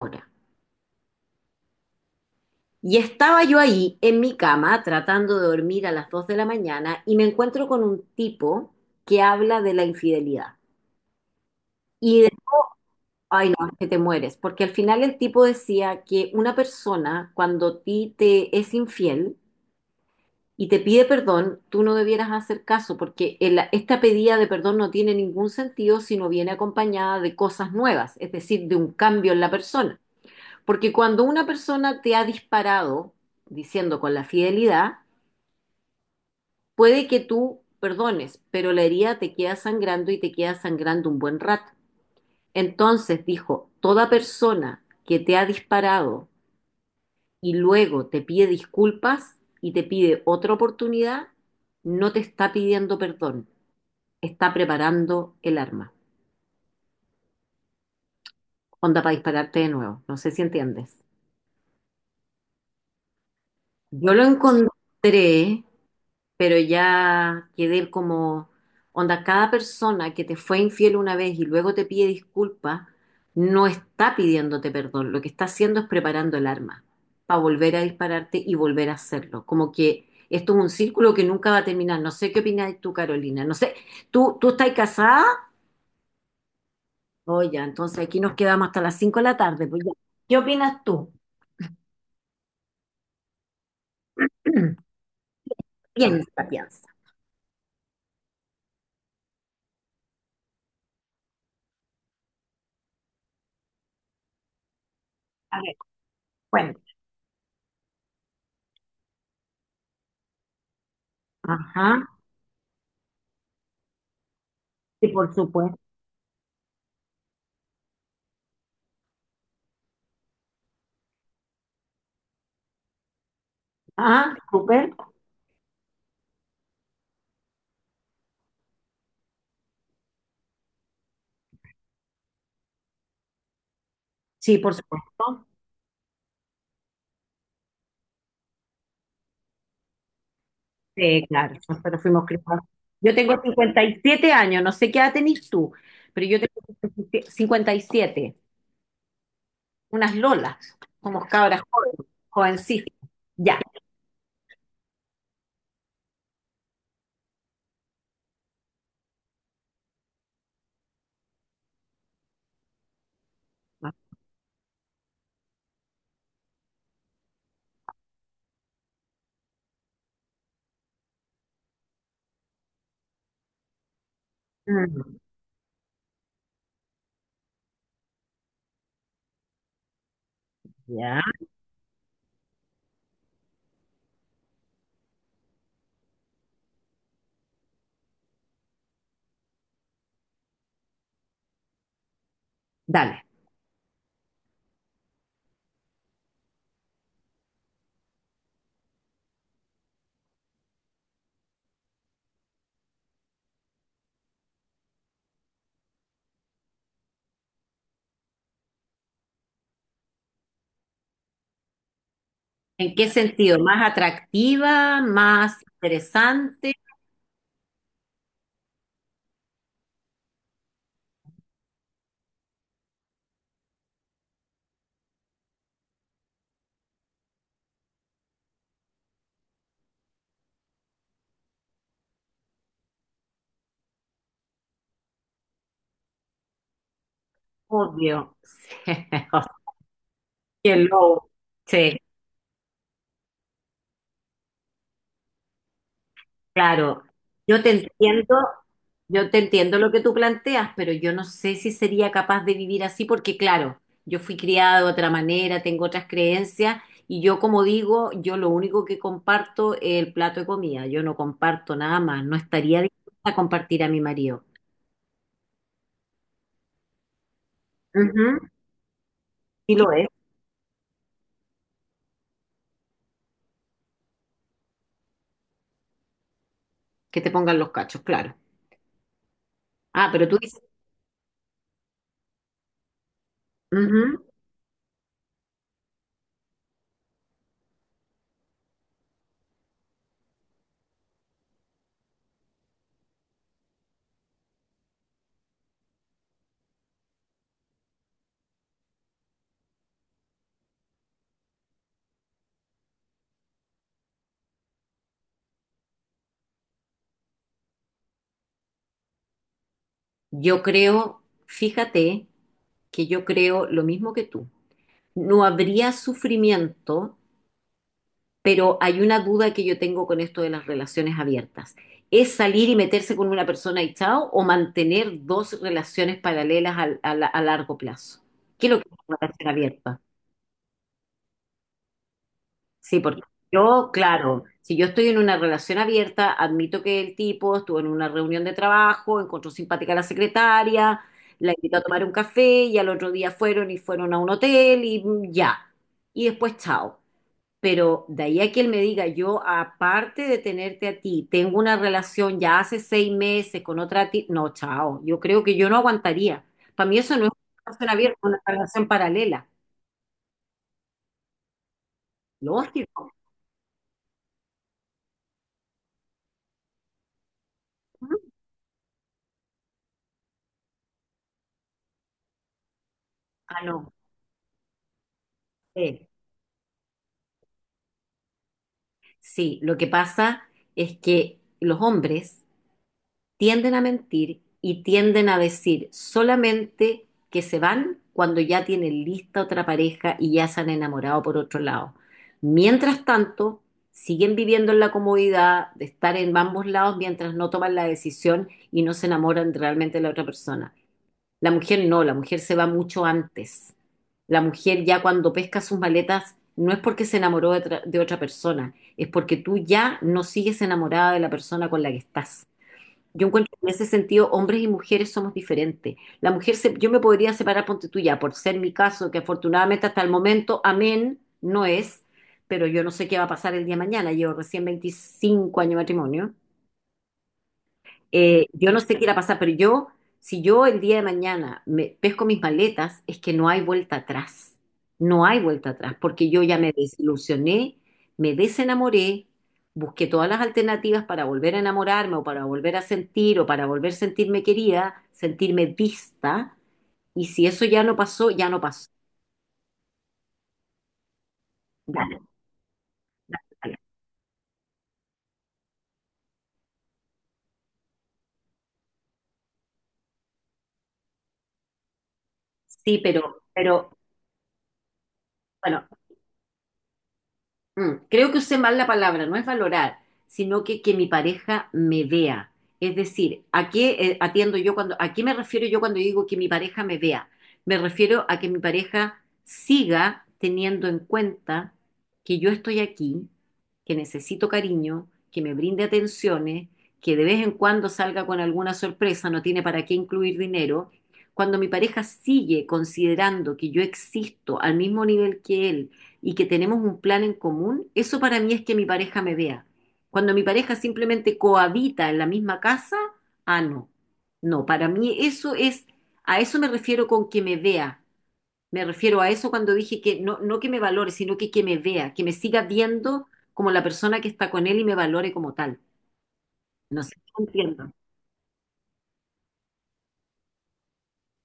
Hora. Y estaba yo ahí en mi cama tratando de dormir a las 2 de la mañana y me encuentro con un tipo que habla de la infidelidad. Y de, ay no, es que te mueres, porque al final el tipo decía que una persona cuando a ti te es infiel y te pide perdón, tú no debieras hacer caso porque esta pedida de perdón no tiene ningún sentido si no viene acompañada de cosas nuevas, es decir, de un cambio en la persona. Porque cuando una persona te ha disparado diciendo con la fidelidad, puede que tú perdones, pero la herida te queda sangrando y te queda sangrando un buen rato. Entonces dijo, toda persona que te ha disparado y luego te pide disculpas y te pide otra oportunidad, no te está pidiendo perdón, está preparando el arma. Onda para dispararte de nuevo. No sé si entiendes. Yo lo encontré, pero ya quedé como, onda, cada persona que te fue infiel una vez y luego te pide disculpas, no está pidiéndote perdón, lo que está haciendo es preparando el arma para volver a dispararte y volver a hacerlo. Como que esto es un círculo que nunca va a terminar. No sé qué opinas tú, Carolina. No sé, ¿tú estás casada? Oye, entonces aquí nos quedamos hasta las 5 de la tarde. Pues ya. ¿Qué opinas tú? Piensa, piensa. A ver, bueno, ajá, sí, por supuesto. Ajá, súper. Sí, por supuesto. Sí, claro, nosotros fuimos criados. Yo tengo 57 años, no sé qué edad tenés tú, pero yo tengo 57, unas lolas, como cabras jóvenes, jovencitas. Ya. Mm, ya. Dale. ¿En qué sentido? ¿Más atractiva? ¿Más interesante? Obvio. Sí, qué lobo. Sí, claro, yo te entiendo, yo te entiendo lo que tú planteas, pero yo no sé si sería capaz de vivir así porque, claro, yo fui criada de otra manera, tengo otras creencias y yo, como digo, yo lo único que comparto es el plato de comida, yo no comparto nada más, no estaría dispuesta a compartir a mi marido. Ujú, sí lo es, que te pongan los cachos, claro. Ah, pero tú dices, ujú, yo creo, fíjate que yo creo lo mismo que tú. No habría sufrimiento, pero hay una duda que yo tengo con esto de las relaciones abiertas. ¿Es salir y meterse con una persona y chao o mantener dos relaciones paralelas a, a largo plazo? ¿Qué es lo que es una relación abierta? Sí, porque yo, claro, si yo estoy en una relación abierta, admito que el tipo estuvo en una reunión de trabajo, encontró simpática a la secretaria, la invitó a tomar un café y al otro día fueron y fueron a un hotel y ya. Y después chao. Pero de ahí a que él me diga, yo aparte de tenerte a ti, tengo una relación ya hace 6 meses con otra ti, no, chao, yo creo que yo no aguantaría. Para mí eso no es una relación abierta, es una relación paralela. Lógico. Ah, no. Eh, sí, lo que pasa es que los hombres tienden a mentir y tienden a decir solamente que se van cuando ya tienen lista otra pareja y ya se han enamorado por otro lado. Mientras tanto, siguen viviendo en la comodidad de estar en ambos lados mientras no toman la decisión y no se enamoran realmente de la otra persona. La mujer no, la mujer se va mucho antes. La mujer ya cuando pesca sus maletas no es porque se enamoró de, de otra persona, es porque tú ya no sigues enamorada de la persona con la que estás. Yo encuentro que en ese sentido hombres y mujeres somos diferentes. La mujer, yo me podría separar, ponte tú ya, por ser mi caso, que afortunadamente hasta el momento, amén, no es, pero yo no sé qué va a pasar el día de mañana. Llevo recién 25 años de matrimonio. Yo no sé qué irá a pasar, pero yo, si yo el día de mañana me pesco mis maletas, es que no hay vuelta atrás. No hay vuelta atrás, porque yo ya me desilusioné, me desenamoré, busqué todas las alternativas para volver a enamorarme o para volver a sentir o para volver a sentirme querida, sentirme vista, y si eso ya no pasó, ya no pasó. Dale, dale, dale. Sí, pero bueno, creo que usé mal la palabra, no es valorar, sino que mi pareja me vea. Es decir, ¿a qué atiendo yo cuando, a qué me refiero yo cuando digo que mi pareja me vea? Me refiero a que mi pareja siga teniendo en cuenta que yo estoy aquí, que necesito cariño, que me brinde atenciones, que de vez en cuando salga con alguna sorpresa, no tiene para qué incluir dinero. Cuando mi pareja sigue considerando que yo existo al mismo nivel que él, y que tenemos un plan en común, eso para mí es que mi pareja me vea. Cuando mi pareja simplemente cohabita en la misma casa, ah, no. No, para mí eso es, a eso me refiero con que me vea. Me refiero a eso cuando dije que no, no que me valore, sino que me vea, que me siga viendo como la persona que está con él y me valore como tal. No sé, si entiendo.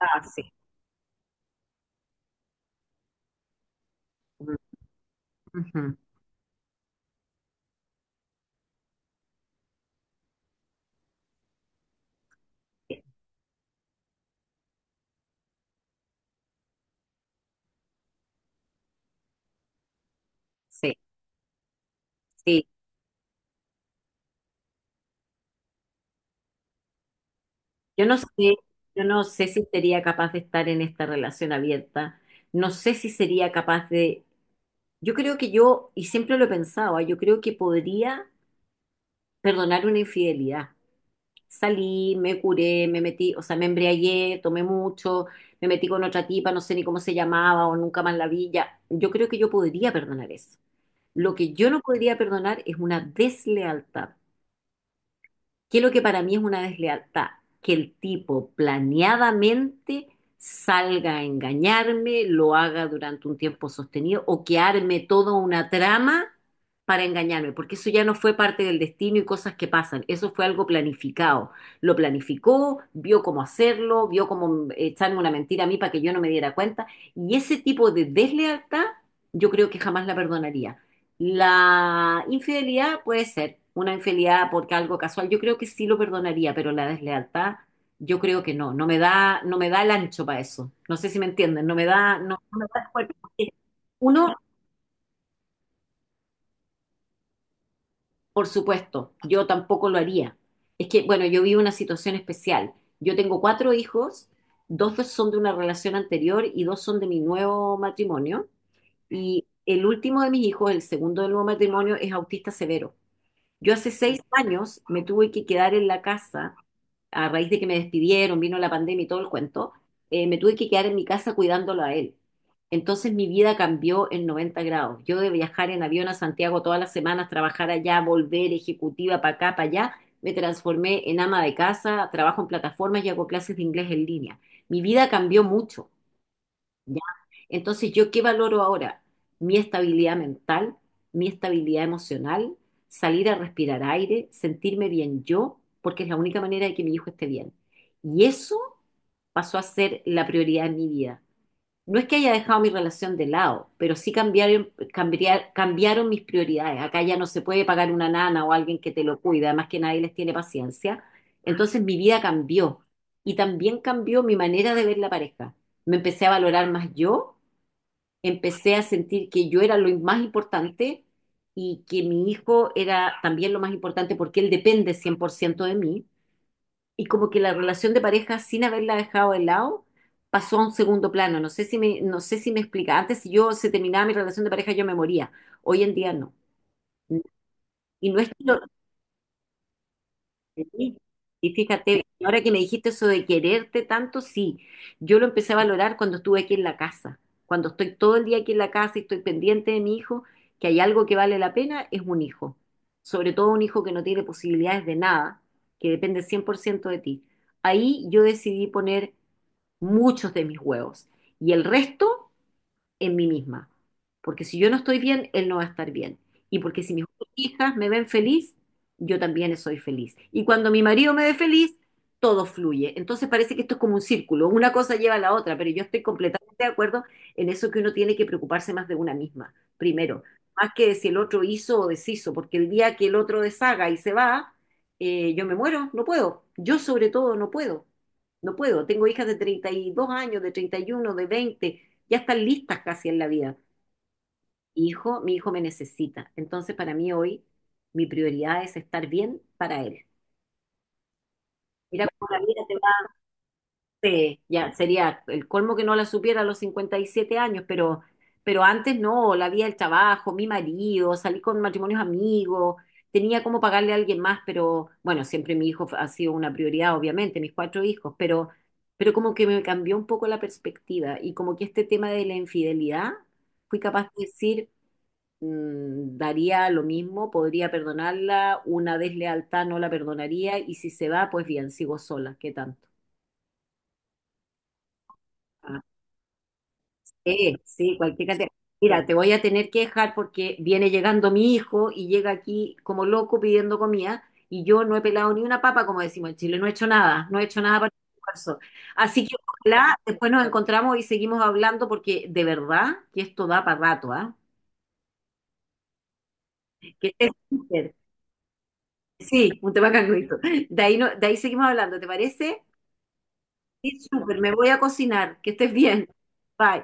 Ah, sí. Mm, ujú. Sí, sí, sí. Yo no sé, yo no sé si sería capaz de estar en esta relación abierta. No sé si sería capaz de. Yo creo que yo, y siempre lo pensaba, yo creo que podría perdonar una infidelidad. Salí, me curé, me metí, o sea, me embriagué, tomé mucho, me metí con otra tipa, no sé ni cómo se llamaba o nunca más la vi. Ya. Yo creo que yo podría perdonar eso. Lo que yo no podría perdonar es una deslealtad. ¿Qué es lo que para mí es una deslealtad? Que el tipo planeadamente salga a engañarme, lo haga durante un tiempo sostenido o que arme toda una trama para engañarme, porque eso ya no fue parte del destino y cosas que pasan, eso fue algo planificado. Lo planificó, vio cómo hacerlo, vio cómo echarme una mentira a mí para que yo no me diera cuenta y ese tipo de deslealtad yo creo que jamás la perdonaría. La infidelidad puede ser una infidelidad porque algo casual. Yo creo que sí lo perdonaría, pero la deslealtad, yo creo que no. No me da, no me da el ancho para eso. No sé si me entienden. No me da, no, no me da el cuerpo. Porque uno, por supuesto, yo tampoco lo haría. Es que, bueno, yo vivo una situación especial. Yo tengo cuatro hijos, dos son de una relación anterior y dos son de mi nuevo matrimonio. Y el último de mis hijos, el segundo del nuevo matrimonio, es autista severo. Yo hace 6 años me tuve que quedar en la casa, a raíz de que me despidieron, vino la pandemia y todo el cuento, me tuve que quedar en mi casa cuidándolo a él. Entonces mi vida cambió en 90 grados. Yo de viajar en avión a Santiago todas las semanas, trabajar allá, volver ejecutiva para acá, para allá, me transformé en ama de casa, trabajo en plataformas y hago clases de inglés en línea. Mi vida cambió mucho. ¿Ya? Entonces, ¿yo qué valoro ahora? Mi estabilidad mental, mi estabilidad emocional, salir a respirar aire, sentirme bien yo, porque es la única manera de que mi hijo esté bien. Y eso pasó a ser la prioridad en mi vida. No es que haya dejado mi relación de lado, pero sí cambiaron, cambiaron mis prioridades. Acá ya no se puede pagar una nana o alguien que te lo cuide, además que nadie les tiene paciencia. Entonces mi vida cambió y también cambió mi manera de ver la pareja. Me empecé a valorar más yo, empecé a sentir que yo era lo más importante y que mi hijo era también lo más importante porque él depende 100% de mí y como que la relación de pareja sin haberla dejado de lado pasó a un segundo plano. No sé si me explica. Antes si yo se terminaba mi relación de pareja yo me moría. Hoy en día no. Y no es que y fíjate, ahora que me dijiste eso de quererte tanto, sí, yo lo empecé a valorar cuando estuve aquí en la casa. Cuando estoy todo el día aquí en la casa y estoy pendiente de mi hijo, que hay algo que vale la pena, es un hijo. Sobre todo un hijo que no tiene posibilidades de nada, que depende 100% de ti. Ahí yo decidí poner muchos de mis huevos. Y el resto en mí misma. Porque si yo no estoy bien, él no va a estar bien. Y porque si mis hijas me ven feliz, yo también soy feliz. Y cuando mi marido me ve feliz, todo fluye. Entonces parece que esto es como un círculo, una cosa lleva a la otra, pero yo estoy completamente de acuerdo en eso que uno tiene que preocuparse más de una misma, primero, más que de si el otro hizo o deshizo, porque el día que el otro deshaga y se va, yo me muero, no puedo. Yo sobre todo no puedo, no puedo. Tengo hijas de 32 años, de 31, de 20, ya están listas casi en la vida. Hijo, mi hijo me necesita. Entonces, para mí hoy, mi prioridad es estar bien para él. Mira cómo la vida te va. Ya, sería el colmo que no la supiera a los 57 años, pero, antes no, la vida del trabajo, mi marido, salí con matrimonios amigos, tenía cómo pagarle a alguien más, pero bueno, siempre mi hijo ha sido una prioridad, obviamente, mis cuatro hijos, pero como que me cambió un poco la perspectiva y como que este tema de la infidelidad, fui capaz de decir, mm, daría lo mismo, podría perdonarla, una deslealtad no la perdonaría y si se va, pues bien, sigo sola, ¿qué tanto? Ah, sí, cualquier cantidad. Mira, te voy a tener que dejar porque viene llegando mi hijo y llega aquí como loco pidiendo comida y yo no he pelado ni una papa, como decimos en Chile, no he hecho nada, no he hecho nada para el almuerzo. Así que ojalá después nos encontramos y seguimos hablando porque de verdad que esto da para rato, ¿ah? Que estés súper. Sí, un tema canguito. De ahí, no, de ahí seguimos hablando, ¿te parece? Sí, súper, me voy a cocinar. Que estés bien. Bye.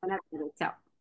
Buenas tardes, chao.